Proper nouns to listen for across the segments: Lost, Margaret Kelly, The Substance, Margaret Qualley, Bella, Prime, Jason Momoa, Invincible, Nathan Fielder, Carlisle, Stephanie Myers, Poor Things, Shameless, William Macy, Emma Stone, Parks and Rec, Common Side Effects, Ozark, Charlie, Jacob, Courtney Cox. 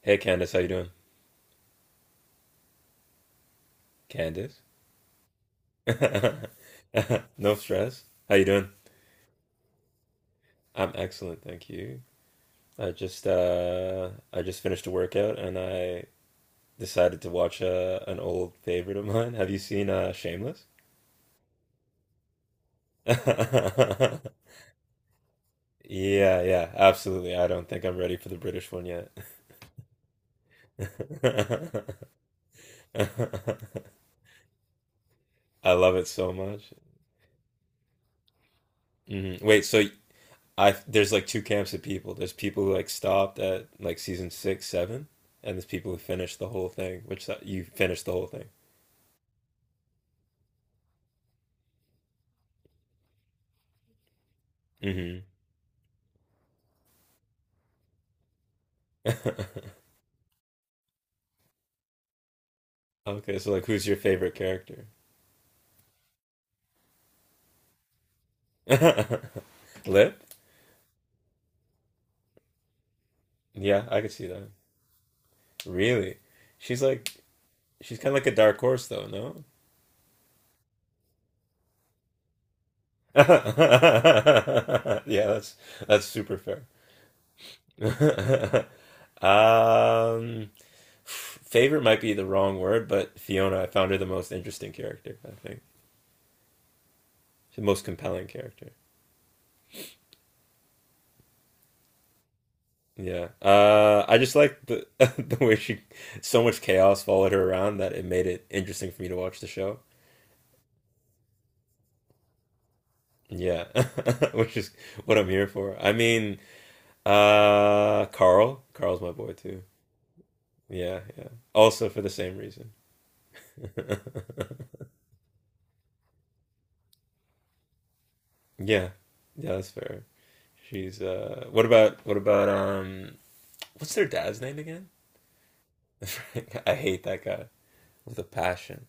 Hey Candace, how you doing? Candace? No stress. How you doing? I'm excellent, thank you. I just finished a workout and I decided to watch an old favorite of mine. Have you seen Shameless? Yeah, yeah, absolutely. I don't think I'm ready for the British one yet. I love it so much. Hmm. Wait, so I there's like two camps of people. There's people who like stopped at like season six, seven, and there's people who finished the whole thing. Which you finished the whole thing. Mm-hmm. Okay, so like, who's your favorite character? Lip? Yeah, I could see that. Really? She's like she's kind of like a dark horse, though. No? Yeah, that's super fair. um, Favorite might be the wrong word, but Fiona, I found her the most interesting character, I think. The most compelling character. Yeah, I just like the the way she so much chaos followed her around that it made it interesting for me to watch the show. Yeah, which is what I'm here for. I mean, Carl, Carl's my boy too. Yeah, yeah. Also for the same reason. Yeah, yeah, that's fair. She's what about what's their dad's name again? I hate that guy with a passion.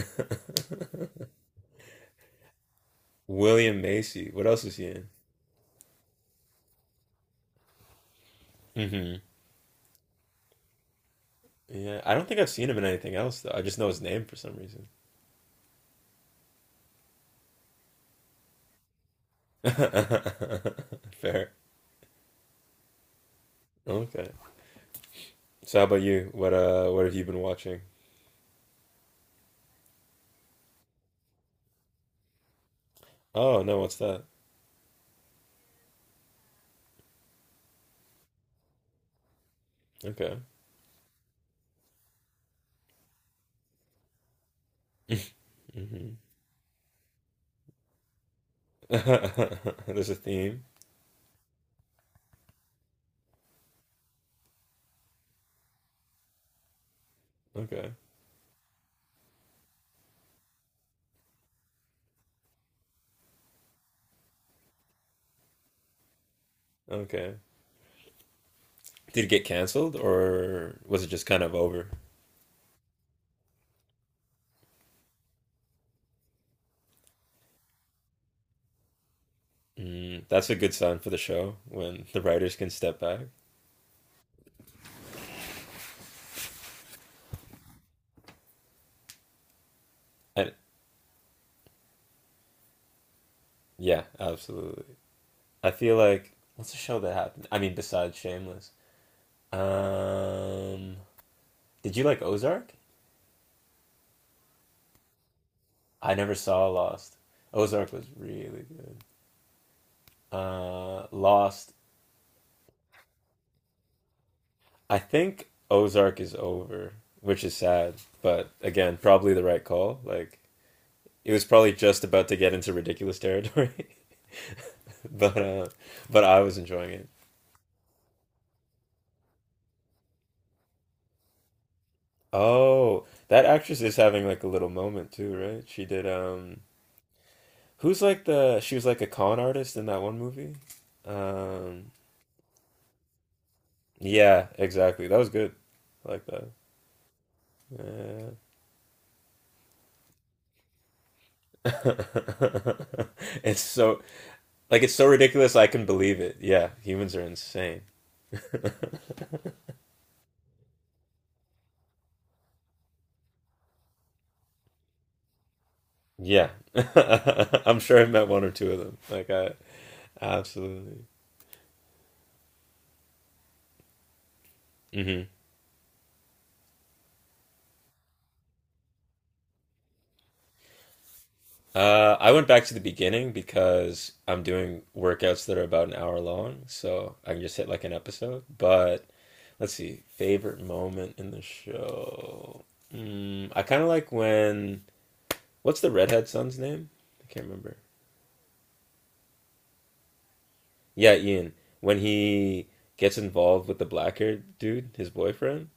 William Macy. What else is he in? Hmm. Yeah, I don't think I've seen him in anything else though. I just know his name for some reason. Fair. Okay. So how about you? What have you been watching? Oh no, what's that? Okay. Hmm. There's a theme. Okay. Okay. Did it get canceled or was it just kind of over? Mm, that's a good sign for the show when the writers can step back. And yeah, absolutely. I feel like what's a show that happened? I mean, besides Shameless. Um, Did you like Ozark? I never saw Lost. Ozark was really good. Lost. I think Ozark is over, which is sad. But again, probably the right call. Like it was probably just about to get into ridiculous territory, but uh, but I was enjoying it. Oh, that actress is having like a little moment too, right? She did who's like the she was like a con artist in that one movie. Um, yeah, exactly. That was good. I like that. Yeah. It's so like it's so ridiculous I can believe it. Yeah, humans are insane. Yeah. I'm sure I've met one or two of them. Like I absolutely. Hmm. I went back to the beginning because I'm doing workouts that are about an hour long, so I can just hit like an episode. But let's see, favorite moment in the show. Mm, I kind of like when what's the redhead son's name? I can't remember. Yeah, Ian, when he gets involved with the black haired dude, his boyfriend,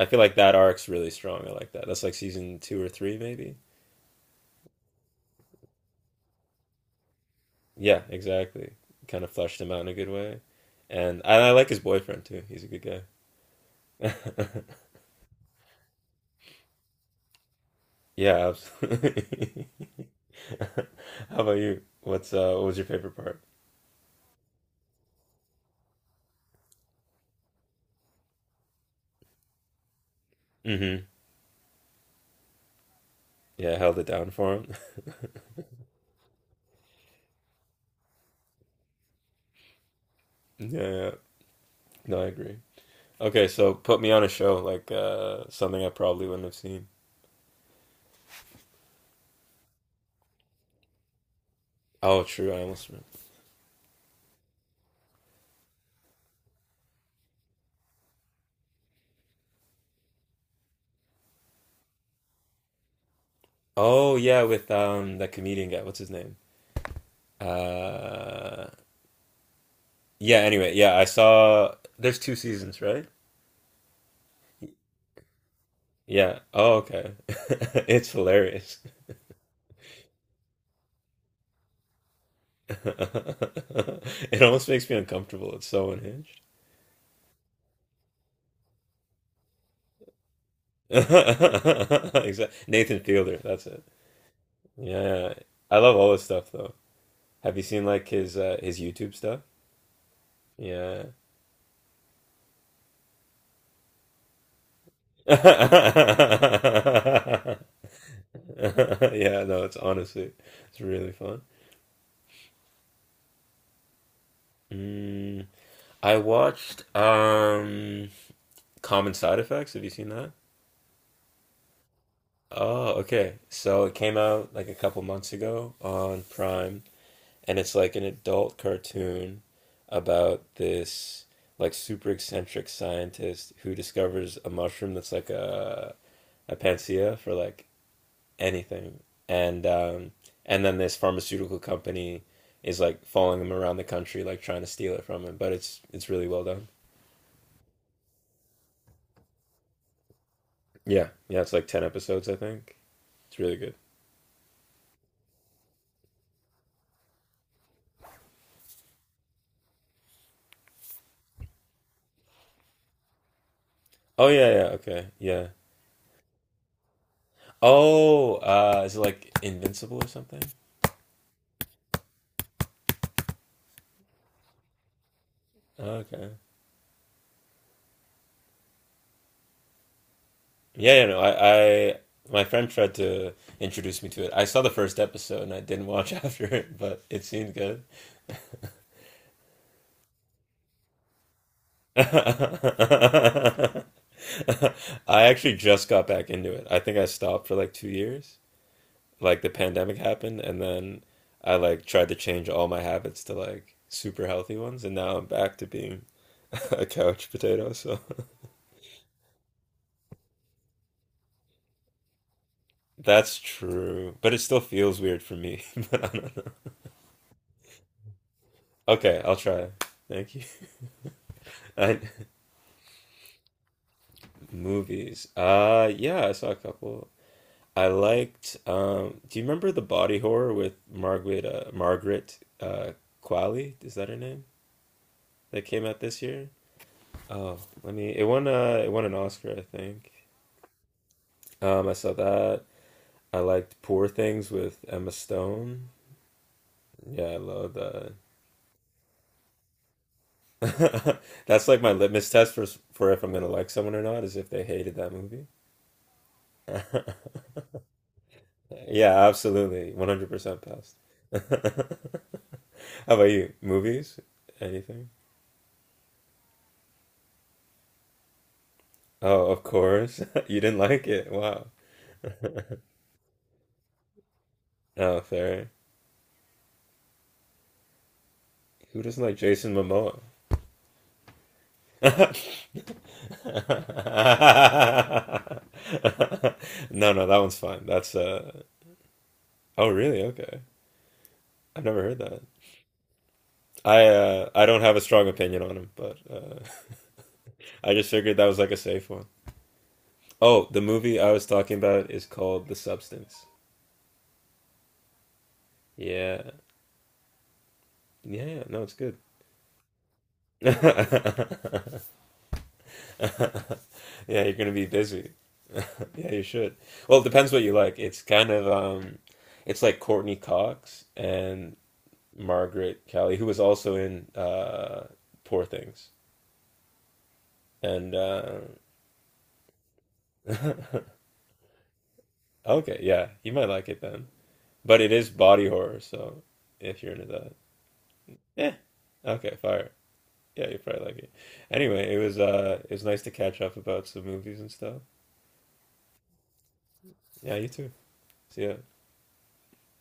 I feel like that arc's really strong. I like that. That's like season two or three, maybe. Yeah, exactly. Kind of fleshed him out in a good way. And I like his boyfriend too. He's a good guy. Yeah, absolutely. How about you? What's what was your favorite part? Mm-hmm. Yeah, held it down for him. Yeah, yeah. No, I agree. Okay, so put me on a show like something I probably wouldn't have seen. Oh, true. I almost. Oh yeah, with that comedian guy. What's his name? Uh yeah, anyway, yeah, I saw there's two seasons, right? Yeah. Oh, okay. It's hilarious. It almost makes me uncomfortable. It's so unhinged. Exactly. Nathan Fielder, that's it. Yeah, yeah, yeah. I love all his stuff though. Have you seen like his YouTube stuff? Yeah. Yeah, no, it's honestly it's really fun. Mm. I watched Common Side Effects. Have you seen that? Oh, okay. So it came out like a couple months ago on Prime, and it's like an adult cartoon about this like super eccentric scientist who discovers a mushroom that's like a panacea for like anything. And um and then this pharmaceutical company is like following him around the country like trying to steal it from him, but it's really well done. Yeah. Yeah, it's like 10 episodes, I think. It's really good. Oh yeah, yeah, okay, yeah. Oh, is it like Invincible or something? Oh, okay. Yeah, yeah, no, my friend tried to introduce me to it. I saw the first episode and I didn't watch after it, but it seemed good. I actually just got back into it. I think I stopped for like 2 years. Like the pandemic happened, and then I like tried to change all my habits to like super healthy ones, and now I'm back to being a couch potato. So that's true, but it still feels weird for me. But I don't know. Okay, I'll try. Thank you. I, movies. Yeah, I saw a couple I liked. Do you remember the body horror with Margaret Qualley? Is that her name? That came out this year. Oh, let me. It won. It won an Oscar, I think. I saw that. I liked Poor Things with Emma Stone. Yeah, I love that. That's like my litmus test for if I'm gonna like someone or not, is if they hated that movie. Yeah, absolutely. 100% passed. How about you? Movies? Anything? Oh, of course. You didn't like it. Wow. Oh, fair. Who doesn't like Jason Momoa? No, no, that one's fine. That's uh. Oh, really? Okay. I've never heard that. I don't have a strong opinion on him, but I just figured that was like a safe one. Oh, the movie I was talking about is called The Substance. Yeah. Yeah, yeah. No, it's good. Yeah, you're gonna be busy. Yeah, you should. Well, it depends what you like. It's kind of it's like Courtney Cox and Margaret Kelly, who was also in Poor Things. And okay, yeah, you might like it then. But it is body horror, so if you're into that. Yeah. Okay, fire. Yeah, you probably like it. Anyway, it was nice to catch up about some movies and stuff. Yeah, you too. See ya.